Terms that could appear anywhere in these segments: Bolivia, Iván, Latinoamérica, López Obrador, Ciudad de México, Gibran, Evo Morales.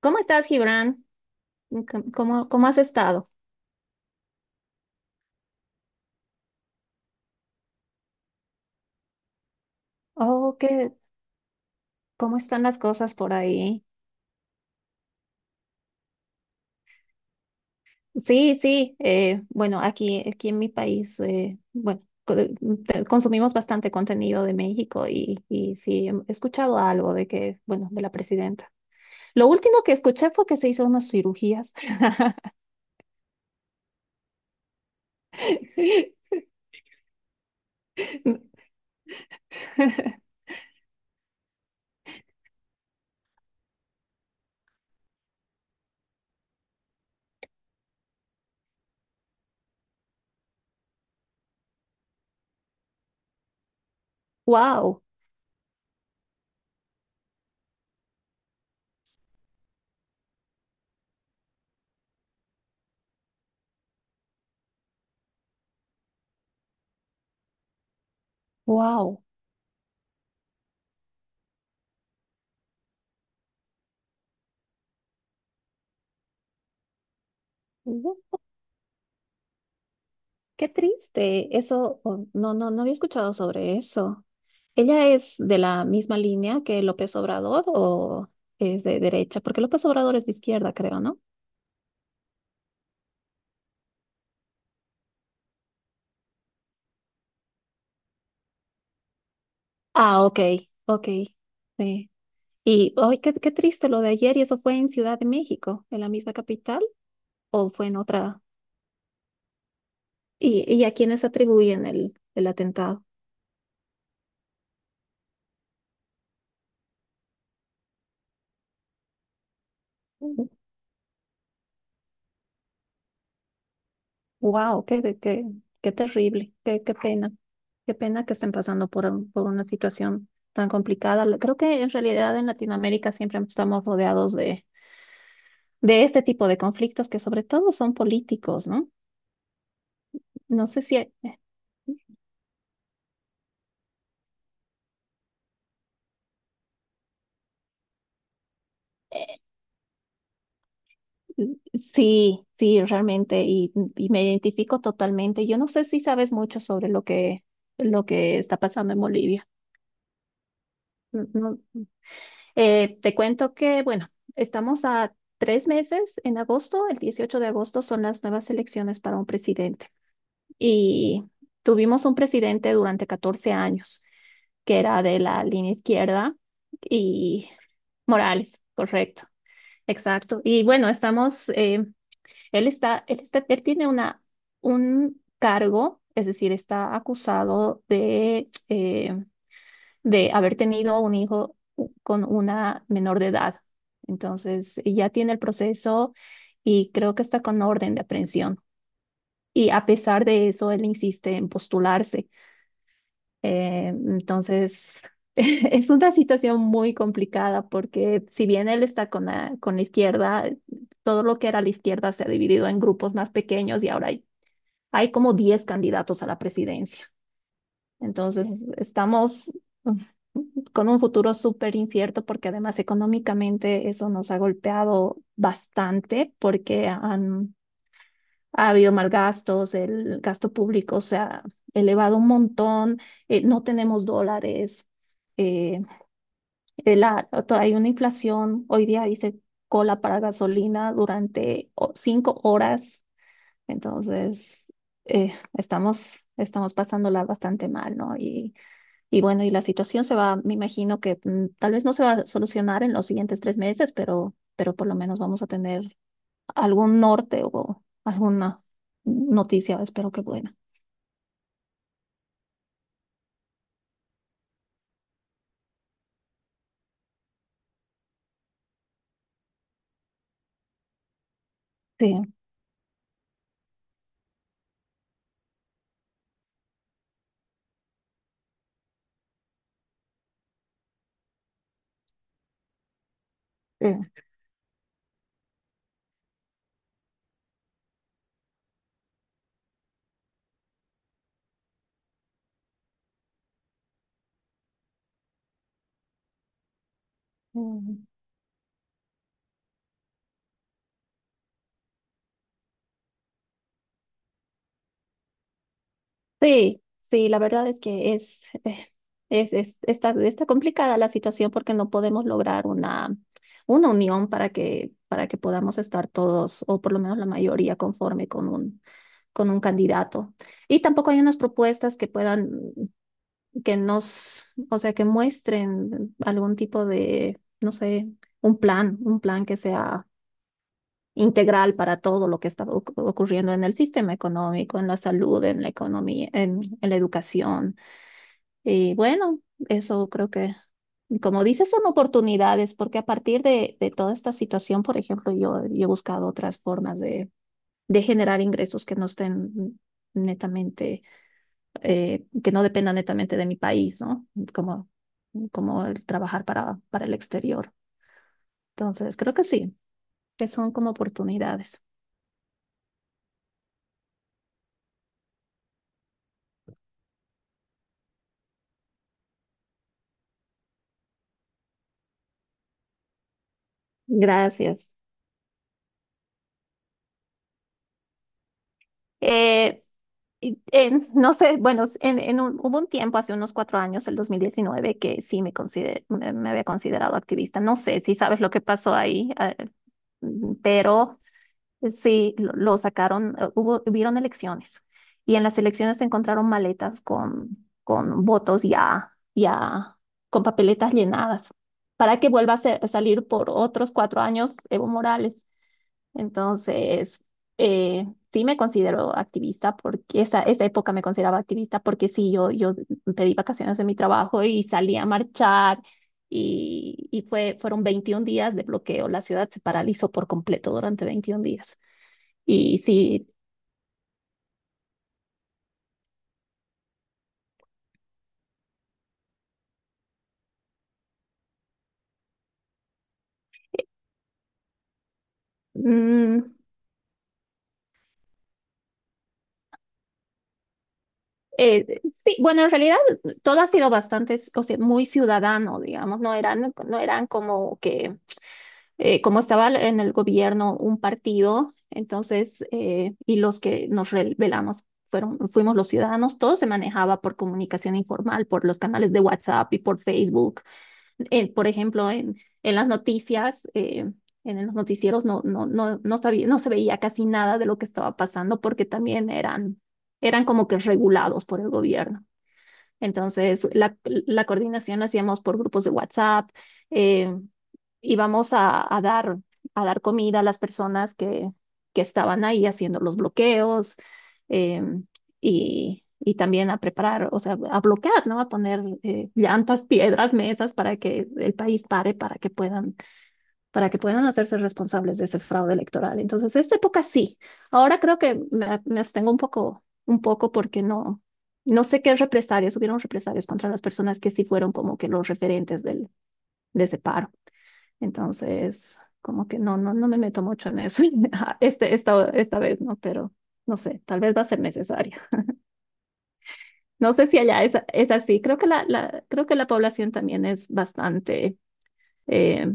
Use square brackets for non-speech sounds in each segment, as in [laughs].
¿Cómo estás, Gibran? ¿Cómo has estado? Oh, qué, ¿cómo están las cosas por ahí? Sí, sí. Bueno, aquí en mi país, bueno, consumimos bastante contenido de México y sí, he escuchado algo de que, bueno, de la presidenta. Lo último que escuché fue que se hizo unas cirugías. [laughs] Wow, wow. Qué triste, eso, oh, no, no, no había escuchado sobre eso. ¿Ella es de la misma línea que López Obrador o es de derecha? Porque López Obrador es de izquierda, creo, ¿no? Ah, ok, ok, sí. Y hoy, qué, qué triste lo de ayer, ¿y eso fue en Ciudad de México, en la misma capital, o fue en otra? ¿Y, a quiénes atribuyen el atentado? Wow, qué, qué, qué qué terrible, qué, qué pena que estén pasando por, por una situación tan complicada. Creo que en realidad en Latinoamérica siempre estamos rodeados de este tipo de conflictos que sobre todo son políticos, ¿no? No sé si... eh, sí, sí, realmente, y me identifico totalmente. Yo no sé si sabes mucho sobre lo que está pasando en Bolivia. No, eh, te cuento que, bueno, estamos a 3 meses en agosto, el 18 de agosto son las nuevas elecciones para un presidente. Y tuvimos un presidente durante 14 años, que era de la línea izquierda y Morales, correcto, exacto. Y bueno, estamos, él tiene una, un cargo, es decir, está acusado de haber tenido un hijo con una menor de edad. Entonces, ya tiene el proceso y creo que está con orden de aprehensión. Y a pesar de eso, él insiste en postularse. Entonces, [laughs] es una situación muy complicada porque si bien él está con la izquierda, todo lo que era la izquierda se ha dividido en grupos más pequeños y ahora hay, hay como 10 candidatos a la presidencia. Entonces, estamos con un futuro súper incierto porque además económicamente eso nos ha golpeado bastante porque ha habido malgastos, el gasto público se ha elevado un montón, no tenemos dólares, eh, hay una inflación, hoy día dice cola para gasolina durante 5 horas, entonces estamos pasándola bastante mal, ¿no? Y bueno, y la situación se va, me imagino que tal vez no se va a solucionar en los siguientes 3 meses, pero por lo menos vamos a tener algún norte o alguna noticia, espero que buena. Sí, eh, mm. Sí, sí, la verdad es que es, está, está complicada la situación porque no podemos lograr una unión para que podamos estar todos, o por lo menos la mayoría, conforme con un candidato. Y tampoco hay unas propuestas que puedan que nos, o sea, que muestren algún tipo de, no sé, un plan que sea integral para todo lo que está ocurriendo en el sistema económico, en la salud, en la economía, en la educación. Y bueno, eso creo que, como dices, son oportunidades, porque a partir de toda esta situación, por ejemplo, yo he buscado otras formas de generar ingresos que no estén netamente que no dependa netamente de mi país, ¿no? Como, como el trabajar para el exterior. Entonces, creo que sí, que son como oportunidades. Gracias. Eh, no sé, bueno, en, hubo un tiempo, hace unos 4 años, el 2019, que sí me había considerado activista. No sé si sabes lo que pasó ahí, pero sí, lo sacaron, hubieron elecciones y en las elecciones se encontraron maletas con votos ya con papeletas llenadas para que vuelva a, a salir por otros 4 años Evo Morales. Entonces, eh, sí me considero activista porque esa época me consideraba activista porque sí, yo pedí vacaciones de mi trabajo y salí a marchar y fue, fueron 21 días de bloqueo. La ciudad se paralizó por completo durante 21 días. Y sí, mm, sí, bueno, en realidad todo ha sido bastante, o sea, muy ciudadano, digamos, no eran, no eran como que, como estaba en el gobierno un partido, entonces, y los que nos rebelamos fuimos los ciudadanos, todo se manejaba por comunicación informal, por los canales de WhatsApp y por Facebook. Por ejemplo, en las noticias, en los noticieros no, no, no, no sabía, no se veía casi nada de lo que estaba pasando porque también eran, eran como que regulados por el gobierno. Entonces, la coordinación la hacíamos por grupos de WhatsApp, eh, y vamos a dar comida a las personas que estaban ahí haciendo los bloqueos em, y también a preparar, o sea, a bloquear, ¿no? A poner llantas, piedras, mesas para que el país pare, para que puedan hacerse responsables de ese fraude electoral. Entonces, esta época sí. Ahora creo que me abstengo un poco porque no. No sé qué hubieron represalias contra las personas que sí fueron como que los referentes del, de ese paro. Entonces, como que no, no, no me meto mucho en eso. [laughs] Ah, esta vez no, pero no sé, tal vez va a ser necesario. No sé si allá es así. Creo que creo que la población también es bastante eh,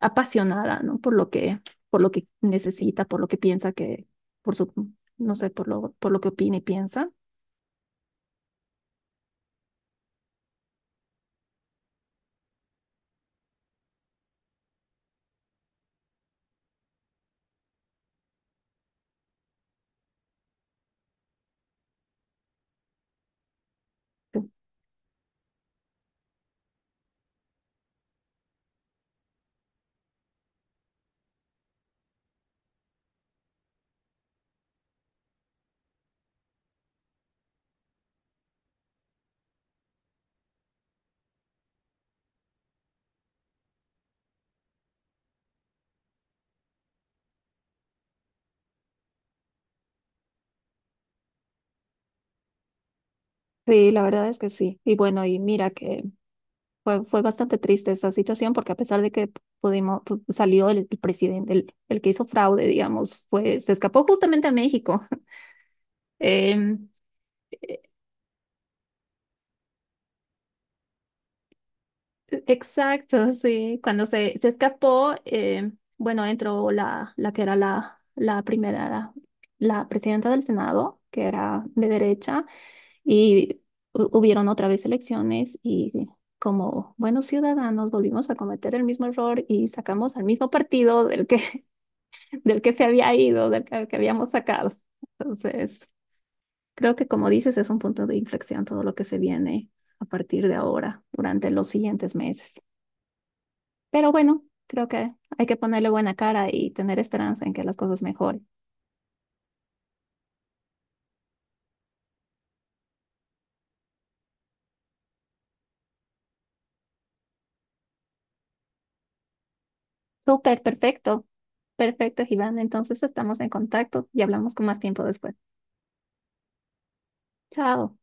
apasionada, ¿no? Por lo que necesita, por lo que piensa que, por su, no sé, por lo que opina y piensa. Sí, la verdad es que sí. Y bueno, y mira que fue bastante triste esa situación porque a pesar de que salió el presidente, el que hizo fraude, digamos, fue, se escapó justamente a México. [laughs] Em, e- e, exacto, sí. Cuando se escapó, em, bueno, entró la, la que era la, la primera, la presidenta del Senado, que era de derecha, y hubieron otra vez elecciones y como buenos ciudadanos volvimos a cometer el mismo error y sacamos al mismo partido del que se había ido, del que habíamos sacado. Entonces, creo que como dices, es un punto de inflexión todo lo que se viene a partir de ahora, durante los siguientes meses. Pero bueno, creo que hay que ponerle buena cara y tener esperanza en que las cosas mejoren. Súper, perfecto. Perfecto, Iván. Entonces estamos en contacto y hablamos con más tiempo después. Chao.